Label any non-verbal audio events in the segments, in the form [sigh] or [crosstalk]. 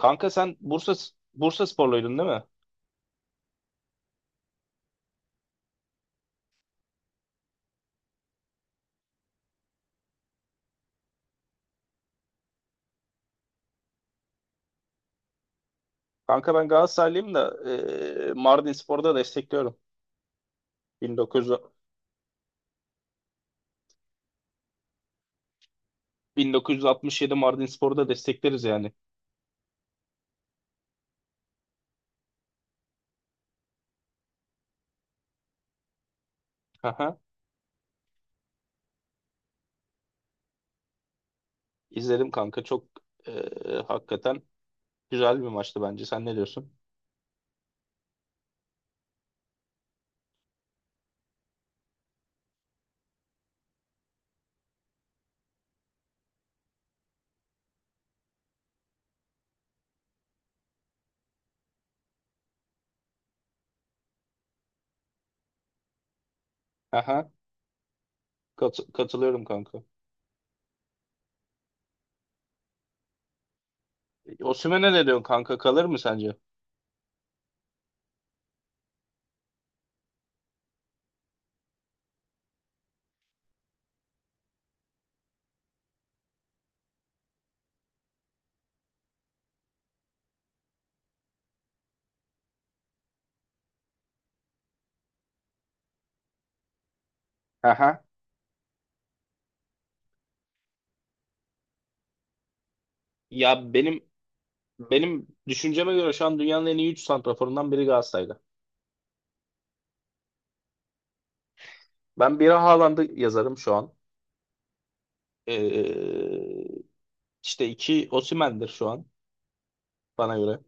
Kanka sen Bursa sporluydun değil mi? Kanka ben Galatasaraylıyım da Mardinspor'u da destekliyorum. 1900, 1967 Mardinspor'u da destekleriz yani. Aha, izledim kanka çok e, hakikaten güzel bir maçtı bence. Sen ne diyorsun? Aha, katılıyorum kanka. Osimhen'e ne diyorsun kanka? Kalır mı sence? Aha. Ya benim düşünceme göre şu an dünyanın en iyi 3 santraforundan biri Galatasaray'da. Ben biri Haaland'ı yazarım şu an. E, İşte iki Osimhen'dir şu an bana göre.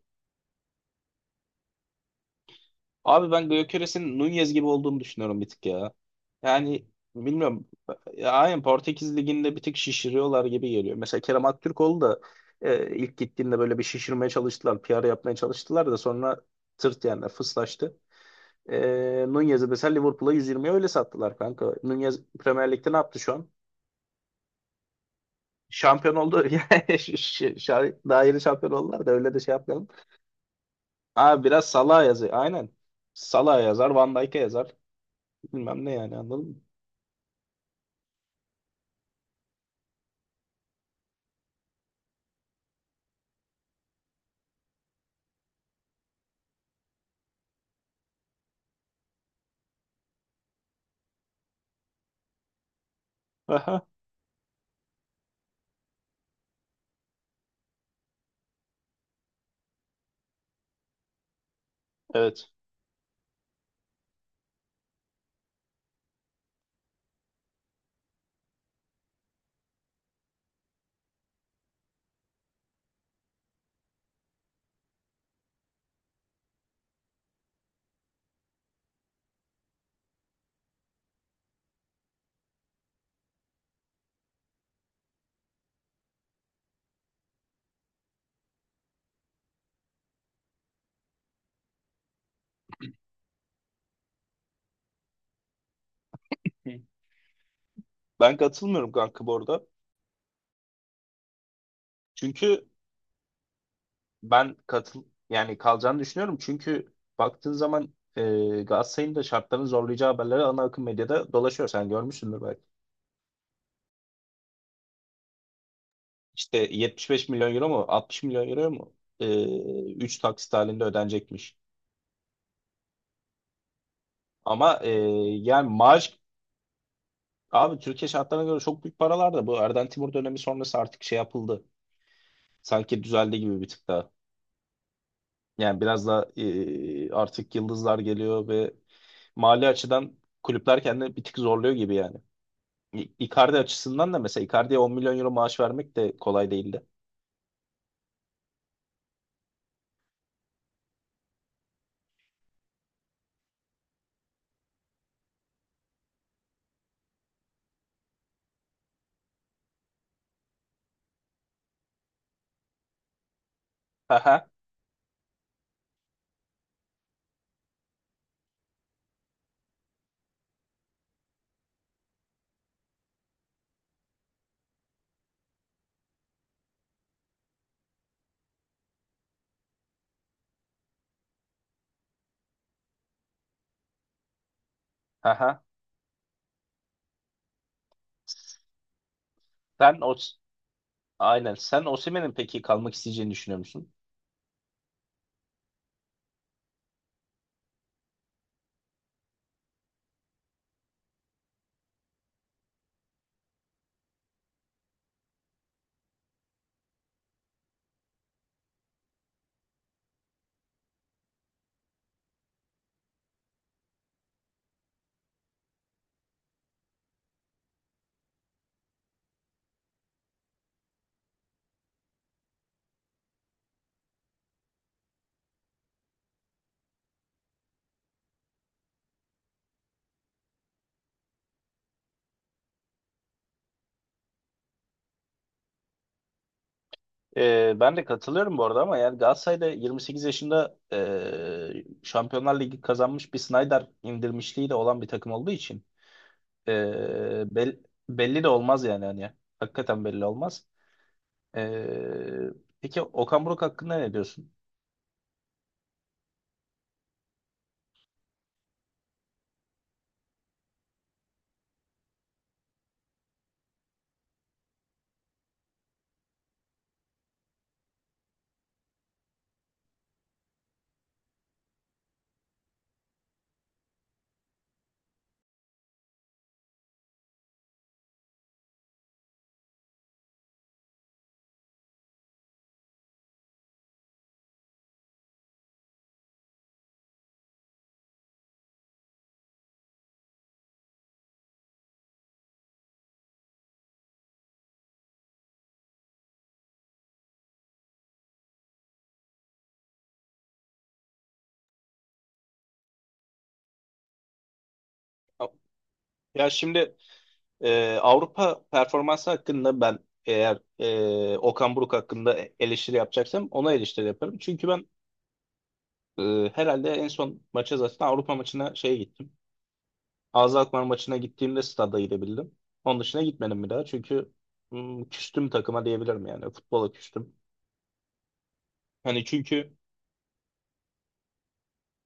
Abi ben Gyökeres'in Nunez gibi olduğunu düşünüyorum bir tık ya. Yani bilmiyorum. Ya, aynen Portekiz Ligi'nde bir tık şişiriyorlar gibi geliyor. Mesela Kerem Aktürkoğlu da ilk gittiğinde böyle bir şişirmeye çalıştılar. PR yapmaya çalıştılar da sonra tırt yani fıslaştı. E, Nunez'i mesela Liverpool'a 120'ye öyle sattılar kanka. Nunez Premier Lig'de ne yaptı şu an? Şampiyon oldu. [laughs] Yani daha yeni şampiyon oldular da öyle de şey yapmayalım. Abi biraz Salah yazıyor. Aynen. Salah yazar, Van Dijk'e yazar. Bilmem ne yani anladın mı? Aha, evet. Hı. Ben katılmıyorum kanka bu arada. Çünkü ben katıl yani kalacağını düşünüyorum. Çünkü baktığın zaman Galatasaray'ın da şartlarını zorlayacağı haberleri ana akım medyada dolaşıyor. Sen görmüşsündür belki. İşte 75 milyon euro mu 60 milyon euro mu? 3 taksit halinde ödenecekmiş. Ama yani abi Türkiye şartlarına göre çok büyük paralar da bu Erden Timur dönemi sonrası artık şey yapıldı. Sanki düzeldi gibi bir tık daha. Yani biraz da artık yıldızlar geliyor ve mali açıdan kulüpler kendini bir tık zorluyor gibi yani. Icardi açısından da mesela Icardi'ye 10 milyon euro maaş vermek de kolay değildi. Haha, haha. Sen o aynen sen Osimhen'in peki kalmak isteyeceğini düşünüyor musun? Ben de katılıyorum bu arada ama yani Galatasaray'da 28 yaşında Şampiyonlar Ligi kazanmış bir Snyder indirmişliği de olan bir takım olduğu için. Ee, bel- Belli de olmaz yani hani. Hakikaten belli olmaz. Ee, peki Okan Buruk hakkında ne diyorsun? Ya şimdi Avrupa performansı hakkında ben eğer Okan Buruk hakkında eleştiri yapacaksam ona eleştiri yaparım. Çünkü ben herhalde en son maça zaten Avrupa maçına şeye gittim. AZ Alkmaar maçına gittiğimde stada gidebildim. Onun dışına gitmedim bir daha çünkü küstüm takıma diyebilirim yani futbola küstüm. Hani çünkü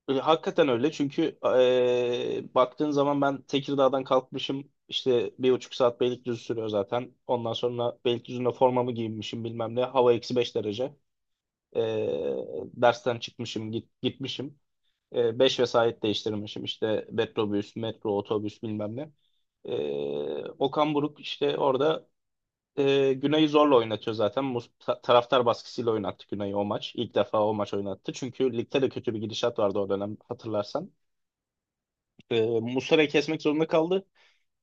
Hakikaten öyle çünkü baktığın zaman ben Tekirdağ'dan kalkmışım işte 1,5 saat Beylikdüzü sürüyor zaten. Ondan sonra Beylikdüzü'nde formamı giyinmişim bilmem ne hava -5 derece. E, Dersten çıkmışım gitmişim. Beş vesait değiştirmişim işte metrobüs, metro, otobüs bilmem ne. Okan Buruk işte orada Güney'i zorla oynatıyor zaten. Taraftar baskısıyla oynattı Güney'i o maç. İlk defa o maç oynattı. Çünkü ligde de kötü bir gidişat vardı o dönem hatırlarsan. Muslera'yı kesmek zorunda kaldı.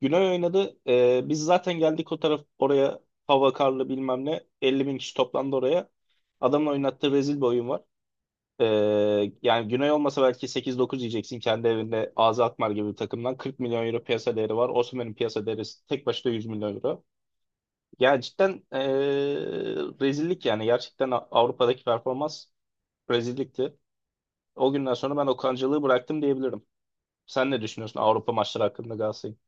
Günay oynadı. Biz zaten geldik o taraf oraya, hava karlı bilmem ne. 50 bin kişi toplandı oraya. Adamın oynattığı rezil bir oyun var. E, Yani Günay olmasa belki 8-9 yiyeceksin kendi evinde Ağzı Alkmaar gibi bir takımdan. 40 milyon euro piyasa değeri var. Osimhen'in piyasa değeri tek başına 100 milyon euro. Ya cidden rezillik yani. Gerçekten Avrupa'daki performans rezillikti. O günden sonra ben Okan'cılığı bıraktım diyebilirim. Sen ne düşünüyorsun Avrupa maçları hakkında Galatasaray'ın?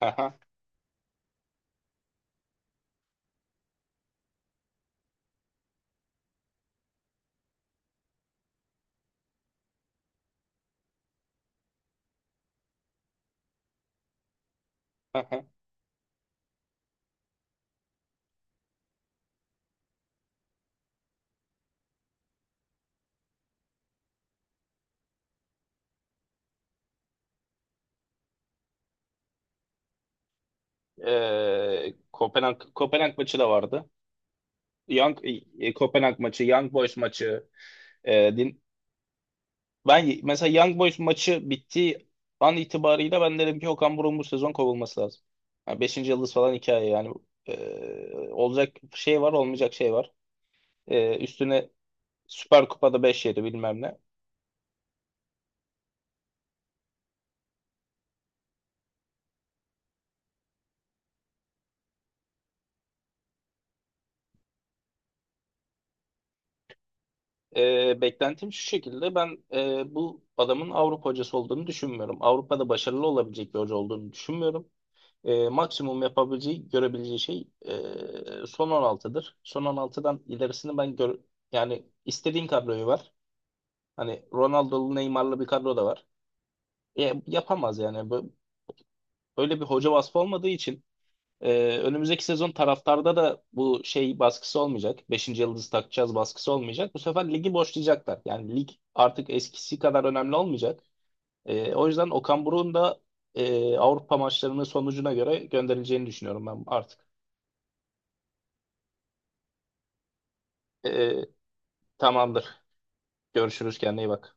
[laughs] Aha. Kopenhag maçı da vardı. Young, Kopenhag maçı, Young Boys maçı. e, din, Mesela Young Boys maçı bittiği an itibarıyla ben dedim ki Okan Buruk'un bu sezon kovulması lazım. Yani 5. yıldız falan hikaye yani. Olacak şey var, olmayacak şey var. Üstüne Süper Kupa'da 5-7 bilmem ne. Beklentim şu şekilde, ben bu adamın Avrupa hocası olduğunu düşünmüyorum. Avrupa'da başarılı olabilecek bir hoca olduğunu düşünmüyorum. Maksimum yapabileceği, görebileceği şey son 16'dır. Son 16'dan ilerisini ben gör yani istediğin kadroyu var. Hani Ronaldo'lu, Neymar'lı bir kadro da var. Yapamaz yani. Böyle bir hoca vasfı olmadığı için önümüzdeki sezon taraftarda da bu şey baskısı olmayacak. Beşinci yıldız takacağız baskısı olmayacak. Bu sefer ligi boşlayacaklar. Yani lig artık eskisi kadar önemli olmayacak. O yüzden Okan Buruk'un da Avrupa maçlarının sonucuna göre gönderileceğini düşünüyorum ben artık. E, Tamamdır. Görüşürüz. Kendine iyi bak.